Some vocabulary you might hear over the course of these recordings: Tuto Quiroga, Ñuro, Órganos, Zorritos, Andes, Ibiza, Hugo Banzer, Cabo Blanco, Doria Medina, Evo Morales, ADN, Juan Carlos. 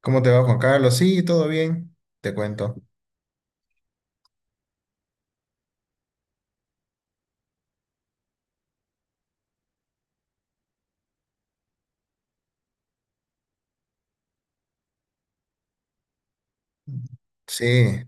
¿Cómo te va, Juan Carlos? Sí, todo bien. Te cuento. Sí.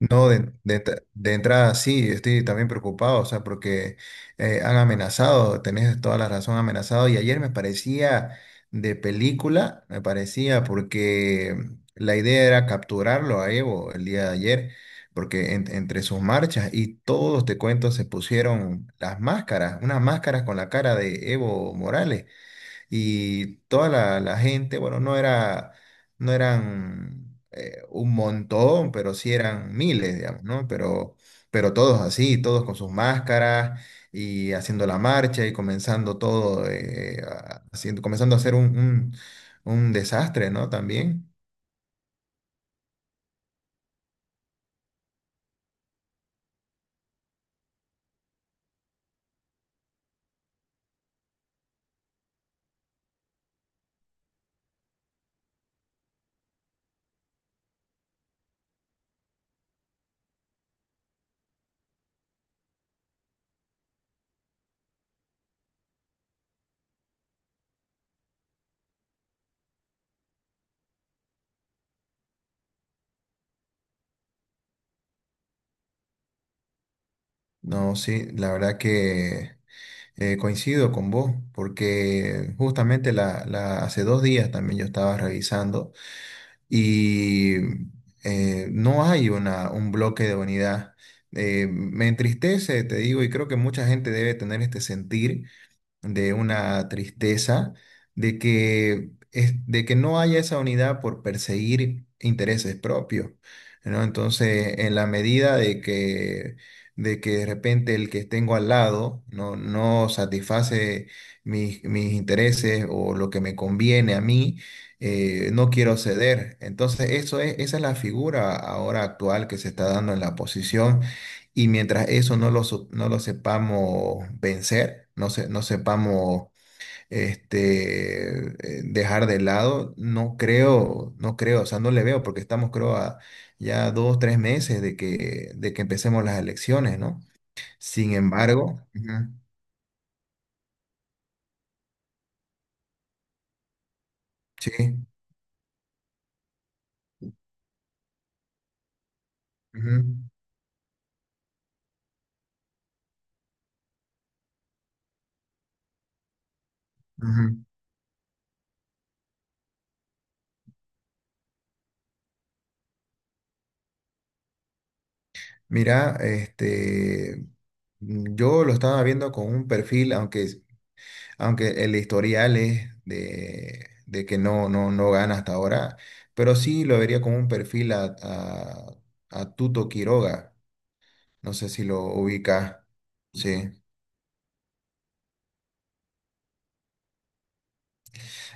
No, de entrada sí, estoy también preocupado, o sea, porque han amenazado, tenés toda la razón, amenazado. Y ayer me parecía de película, me parecía, porque la idea era capturarlo a Evo el día de ayer, porque entre sus marchas y todos, te cuento, se pusieron las máscaras, unas máscaras con la cara de Evo Morales y toda la gente, bueno, no era, no eran un montón, pero sí eran miles, digamos, ¿no? Pero todos así, todos con sus máscaras y haciendo la marcha y comenzando todo, comenzando a hacer un desastre, ¿no? También. No, sí, la verdad que coincido con vos, porque justamente hace 2 días también yo estaba revisando. Y no hay un bloque de unidad. Me entristece, te digo, y creo que mucha gente debe tener este sentir de una tristeza, de que no haya esa unidad por perseguir intereses propios, ¿no? Entonces, en la medida de que, de repente el que tengo al lado no satisface mis intereses o lo que me conviene a mí, no quiero ceder. Entonces, esa es la figura ahora actual que se está dando en la oposición y mientras eso no lo sepamos vencer, no sepamos dejar de lado, no creo, no creo, o sea, no le veo, porque estamos, creo, a ya 2, 3 meses de que empecemos las elecciones, ¿no? Sin embargo, ujú, sí, ujú, ujú. Mira, yo lo estaba viendo con un perfil, aunque el historial es de que no gana hasta ahora, pero sí lo vería como un perfil a Tuto Quiroga, no sé si lo ubica, sí.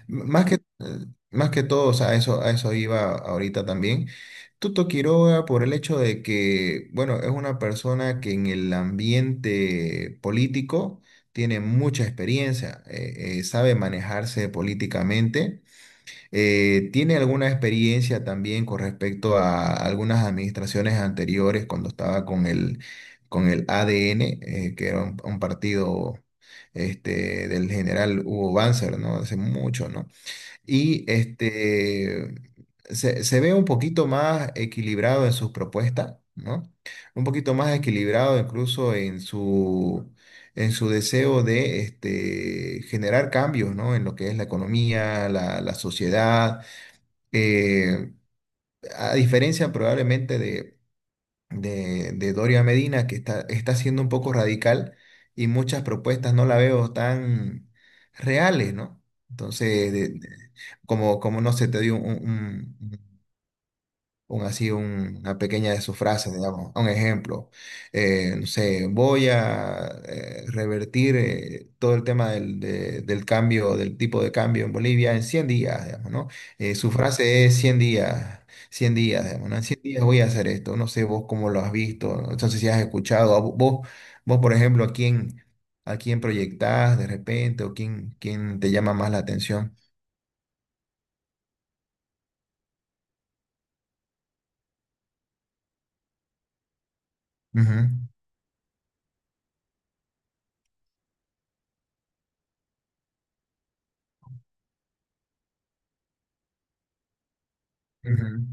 Más que más que todo, o sea, a eso iba ahorita también. Tuto Quiroga por el hecho de que, bueno, es una persona que en el ambiente político tiene mucha experiencia, sabe manejarse políticamente. ¿Tiene alguna experiencia también con respecto a algunas administraciones anteriores cuando estaba con con el ADN, que era un partido del general Hugo Banzer, ¿no? Hace mucho, ¿no? y este, se ve un poquito más equilibrado en sus propuestas, ¿no? Un poquito más equilibrado incluso en su deseo de generar cambios, ¿no? En lo que es la economía, la sociedad, eh, a diferencia probablemente de Doria Medina, que está siendo un poco radical y muchas propuestas no la veo tan reales, ¿no? Entonces, como no sé, te dio así una pequeña de sus frases, digamos, un ejemplo. No sé, voy a revertir todo el tema del cambio, del tipo de cambio en Bolivia en 100 días, digamos, ¿no? Su frase es 100 días. 100 días, digamos, ¿no? En 100 días voy a hacer esto. No sé vos cómo lo has visto, ¿no? Entonces si has escuchado, vos por ejemplo, a quién proyectás de repente o quién te llama más la atención. Ujú, ujú,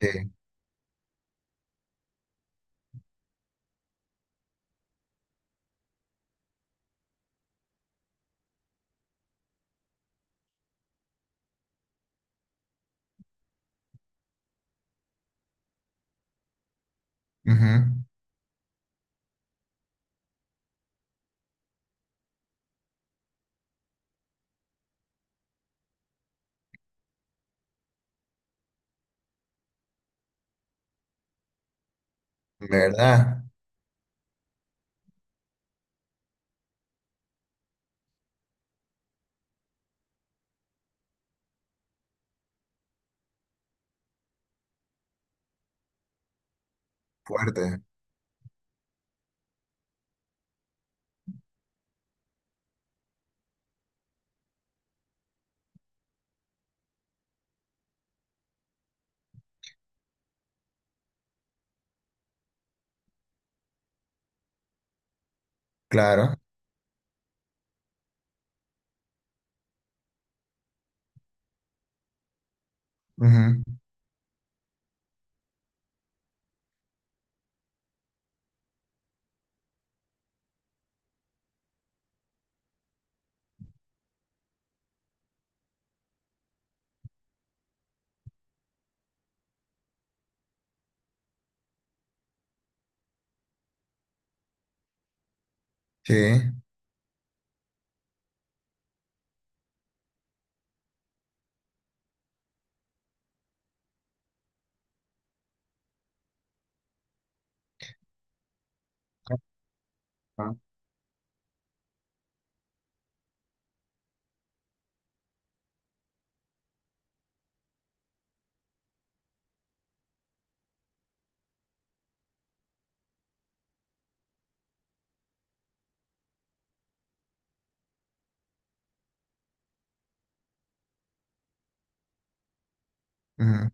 sí, ujú. ¿Verdad? Fuerte, claro. Ujú, sí. Ajá, ujú.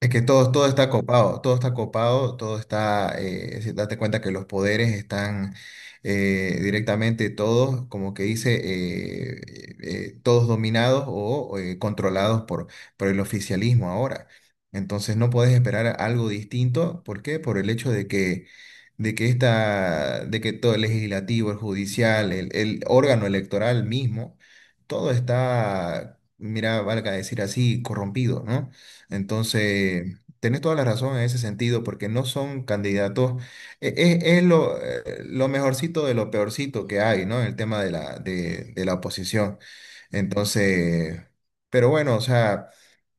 Es que todo, todo está copado, todo está copado, todo está, si date cuenta que los poderes están directamente todos, como que dice, todos dominados o controlados por el oficialismo ahora. Entonces no podés esperar algo distinto, ¿por qué? Por el hecho de que todo el legislativo, el judicial, el órgano electoral mismo, todo está, mira, valga decir así, corrompido, ¿no? Entonces, tenés toda la razón en ese sentido, porque no son candidatos, es lo mejorcito de lo peorcito que hay, ¿no? En el tema de la oposición. Entonces, pero bueno, o sea,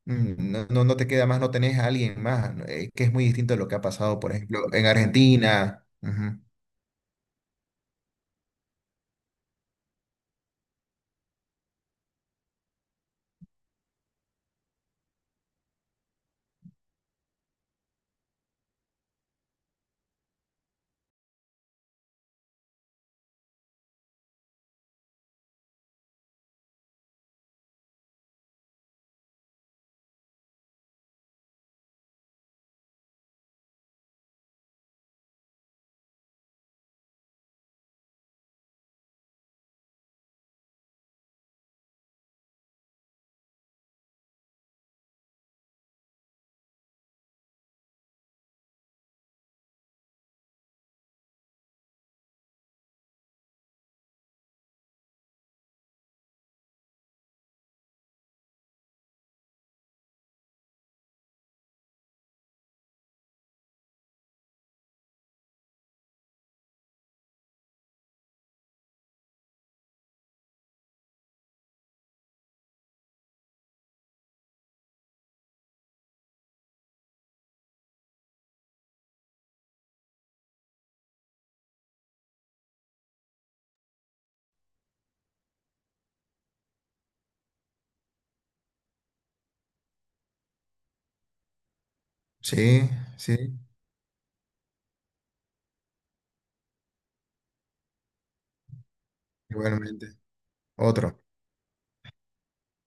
no te queda más, no tenés a alguien más, ¿no? Que es muy distinto de lo que ha pasado, por ejemplo, en Argentina. Ujú. Sí, sí, igualmente. Otro.